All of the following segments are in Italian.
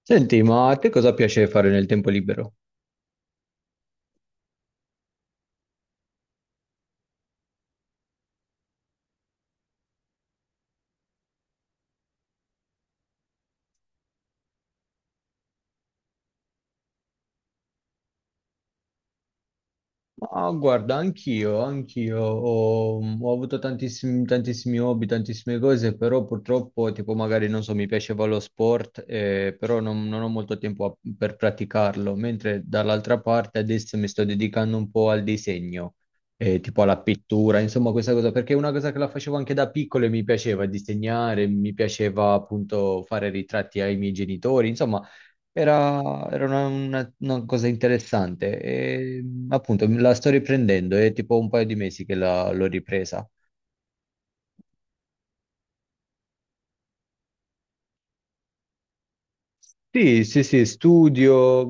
Senti, ma a te cosa piace fare nel tempo libero? Ma guarda, anch'io ho, ho avuto tantissimi hobby, tantissime cose, però purtroppo, tipo magari, non so, mi piaceva lo sport, però non ho molto tempo per praticarlo, mentre dall'altra parte adesso mi sto dedicando un po' al disegno, tipo alla pittura, insomma questa cosa, perché è una cosa che la facevo anche da piccolo e mi piaceva disegnare, mi piaceva appunto fare ritratti ai miei genitori, insomma. Una cosa interessante. E, appunto, la sto riprendendo, è tipo un paio di mesi che l'ho ripresa. Sì, sì, sì, studio,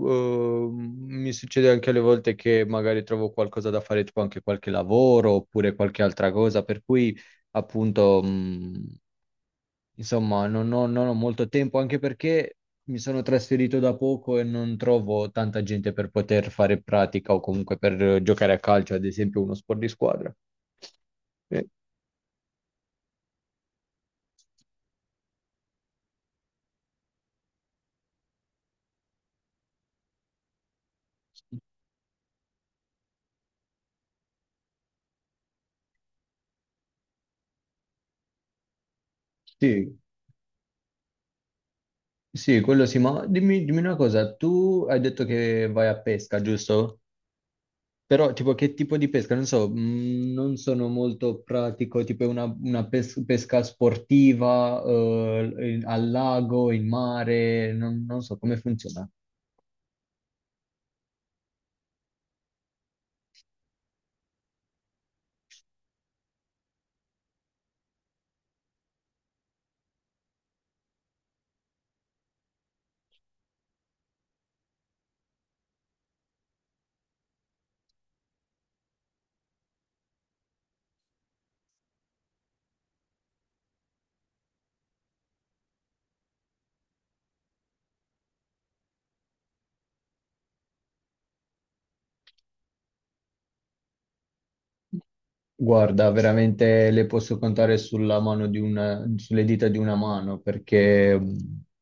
mi succede anche alle volte che magari trovo qualcosa da fare, tipo anche qualche lavoro oppure qualche altra cosa, per cui appunto insomma, non ho molto tempo, anche perché mi sono trasferito da poco e non trovo tanta gente per poter fare pratica o comunque per giocare a calcio, ad esempio uno sport di squadra. Eh, Sì, sì, quello sì, ma dimmi una cosa, tu hai detto che vai a pesca, giusto? Però tipo che tipo di pesca? Non so, non sono molto pratico, tipo è una pes- pesca sportiva, al lago, in mare, non so come funziona. Guarda, veramente le posso contare sulla mano di una, sulle dita di una mano, perché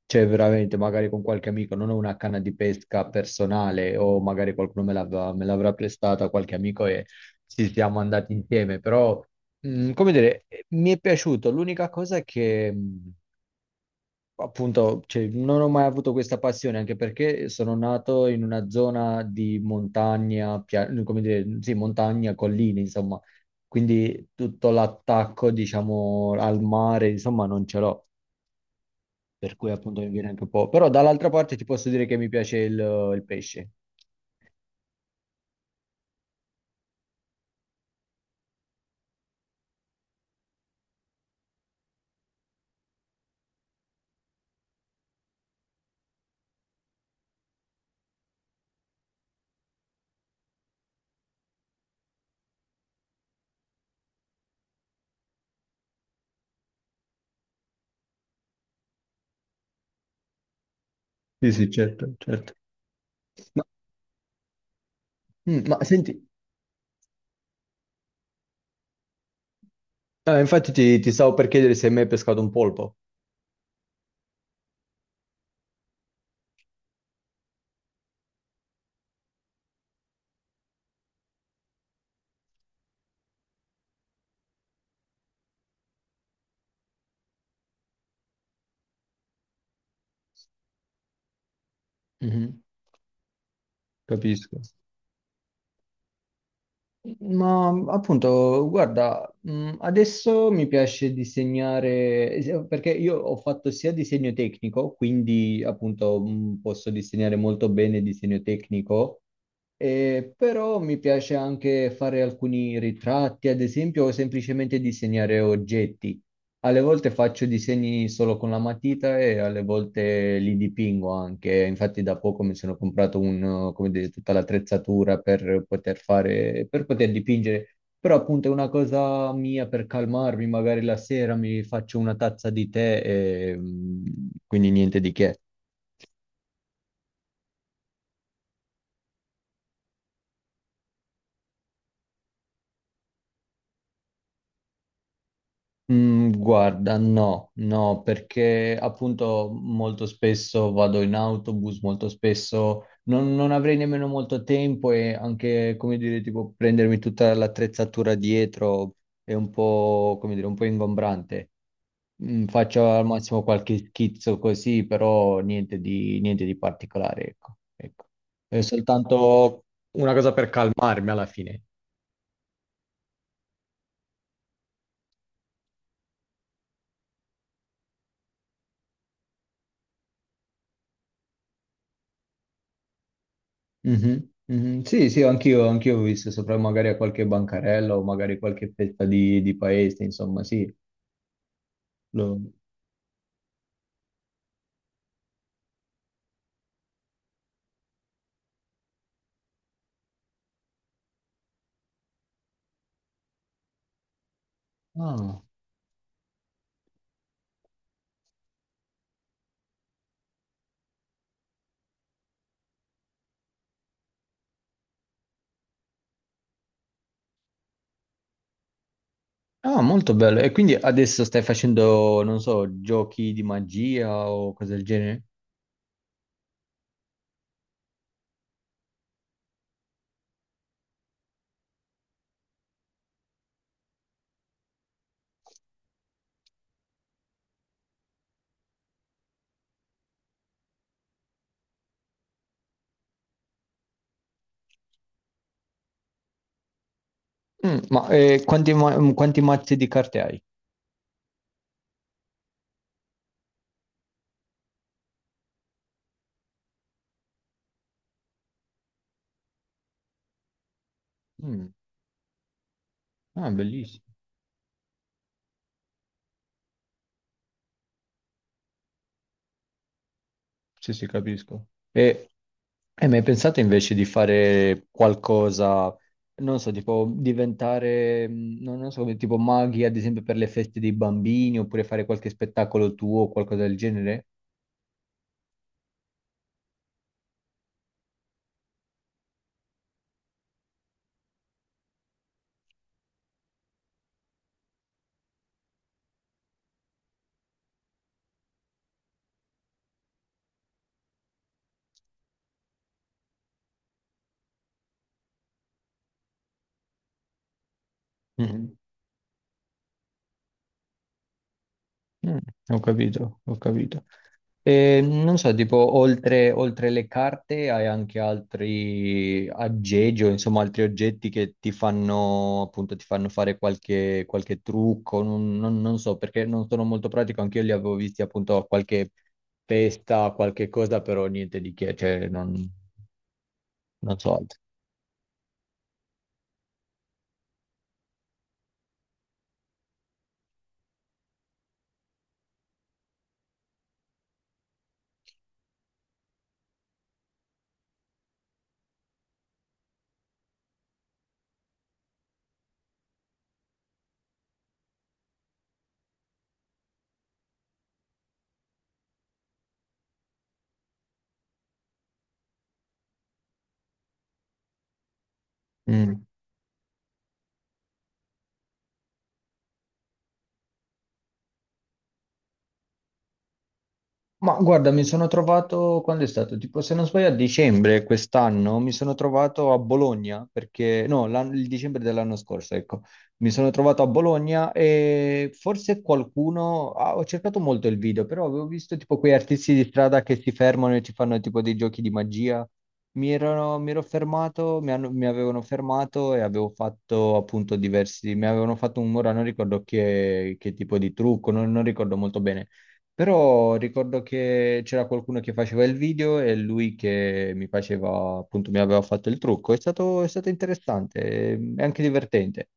c'è veramente, magari con qualche amico, non ho una canna di pesca personale o magari qualcuno me l'avrà prestata, qualche amico, e ci siamo andati insieme, però, come dire, mi è piaciuto. L'unica cosa è che appunto, cioè, non ho mai avuto questa passione, anche perché sono nato in una zona di montagna, come dire, sì, montagna, colline, insomma. Quindi tutto l'attacco, diciamo, al mare, insomma, non ce l'ho. Per cui appunto mi viene anche un po'. Però dall'altra parte ti posso dire che mi piace il pesce. Sì, sì, certo, certo. Ma, ma senti, infatti ti stavo per chiedere se hai mai pescato un polpo. Mhm. Capisco. Ma appunto, guarda, adesso mi piace disegnare, perché io ho fatto sia disegno tecnico, quindi appunto posso disegnare molto bene disegno tecnico, però mi piace anche fare alcuni ritratti, ad esempio, o semplicemente disegnare oggetti. Alle volte faccio disegni solo con la matita e alle volte li dipingo anche. Infatti da poco mi sono comprato come dire, tutta l'attrezzatura per per poter dipingere. Però appunto è una cosa mia per calmarmi, magari la sera mi faccio una tazza di tè e mm, quindi niente di che. Mm, guarda, no, no, perché appunto molto spesso vado in autobus, molto spesso non avrei nemmeno molto tempo, e anche, come dire, tipo prendermi tutta l'attrezzatura dietro è un po', come dire, un po' ingombrante. Mm, faccio al massimo qualche schizzo così, però niente di particolare, ecco, ecco. È soltanto una cosa per calmarmi alla fine. Mhm, mhm. Sì, sì, anch'io ho visto sopra magari a qualche bancarella o magari qualche fetta di paese, insomma, sì. Lo- ah. Ah, molto bello. E quindi adesso stai facendo, non so, giochi di magia o cose del genere? Mm, ma quanti mazzi di carte hai? Mm, ah, bellissimo. Sì, sì, capisco. E hai mai pensato invece di fare qualcosa, non so, tipo diventare, non so, come tipo maghi, ad esempio per le feste dei bambini, oppure fare qualche spettacolo tuo o qualcosa del genere? Mhm. Mm, ho capito, ho capito. E, non so, tipo, oltre le carte hai anche altri aggeggi, o insomma, altri oggetti che ti fanno, appunto, ti fanno fare qualche trucco, non so, perché non sono molto pratico, anch'io li avevo visti appunto a qualche festa, qualche cosa, però niente di che, cioè, non, non so altro. Mm. Ma guarda, mi sono trovato, quando è stato? Tipo, se non sbaglio, a dicembre quest'anno mi sono trovato a Bologna, perché no, il dicembre dell'anno scorso, ecco, mi sono trovato a Bologna e forse qualcuno, ah, ho cercato molto il video, però avevo visto tipo quei artisti di strada che si fermano e ci fanno tipo dei giochi di magia. Mi ero fermato, mi avevano fermato, e avevo fatto appunto diversi, mi avevano fatto un, ora non ricordo che tipo di trucco, non non ricordo molto bene, però ricordo che c'era qualcuno che faceva il video e lui che mi faceva, appunto, mi aveva fatto il trucco. È stato interessante e anche divertente.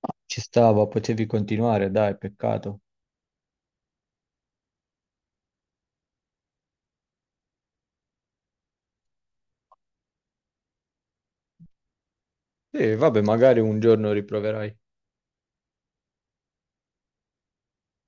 Ma ci stava, potevi continuare, dai, peccato. E vabbè, magari un giorno riproverai.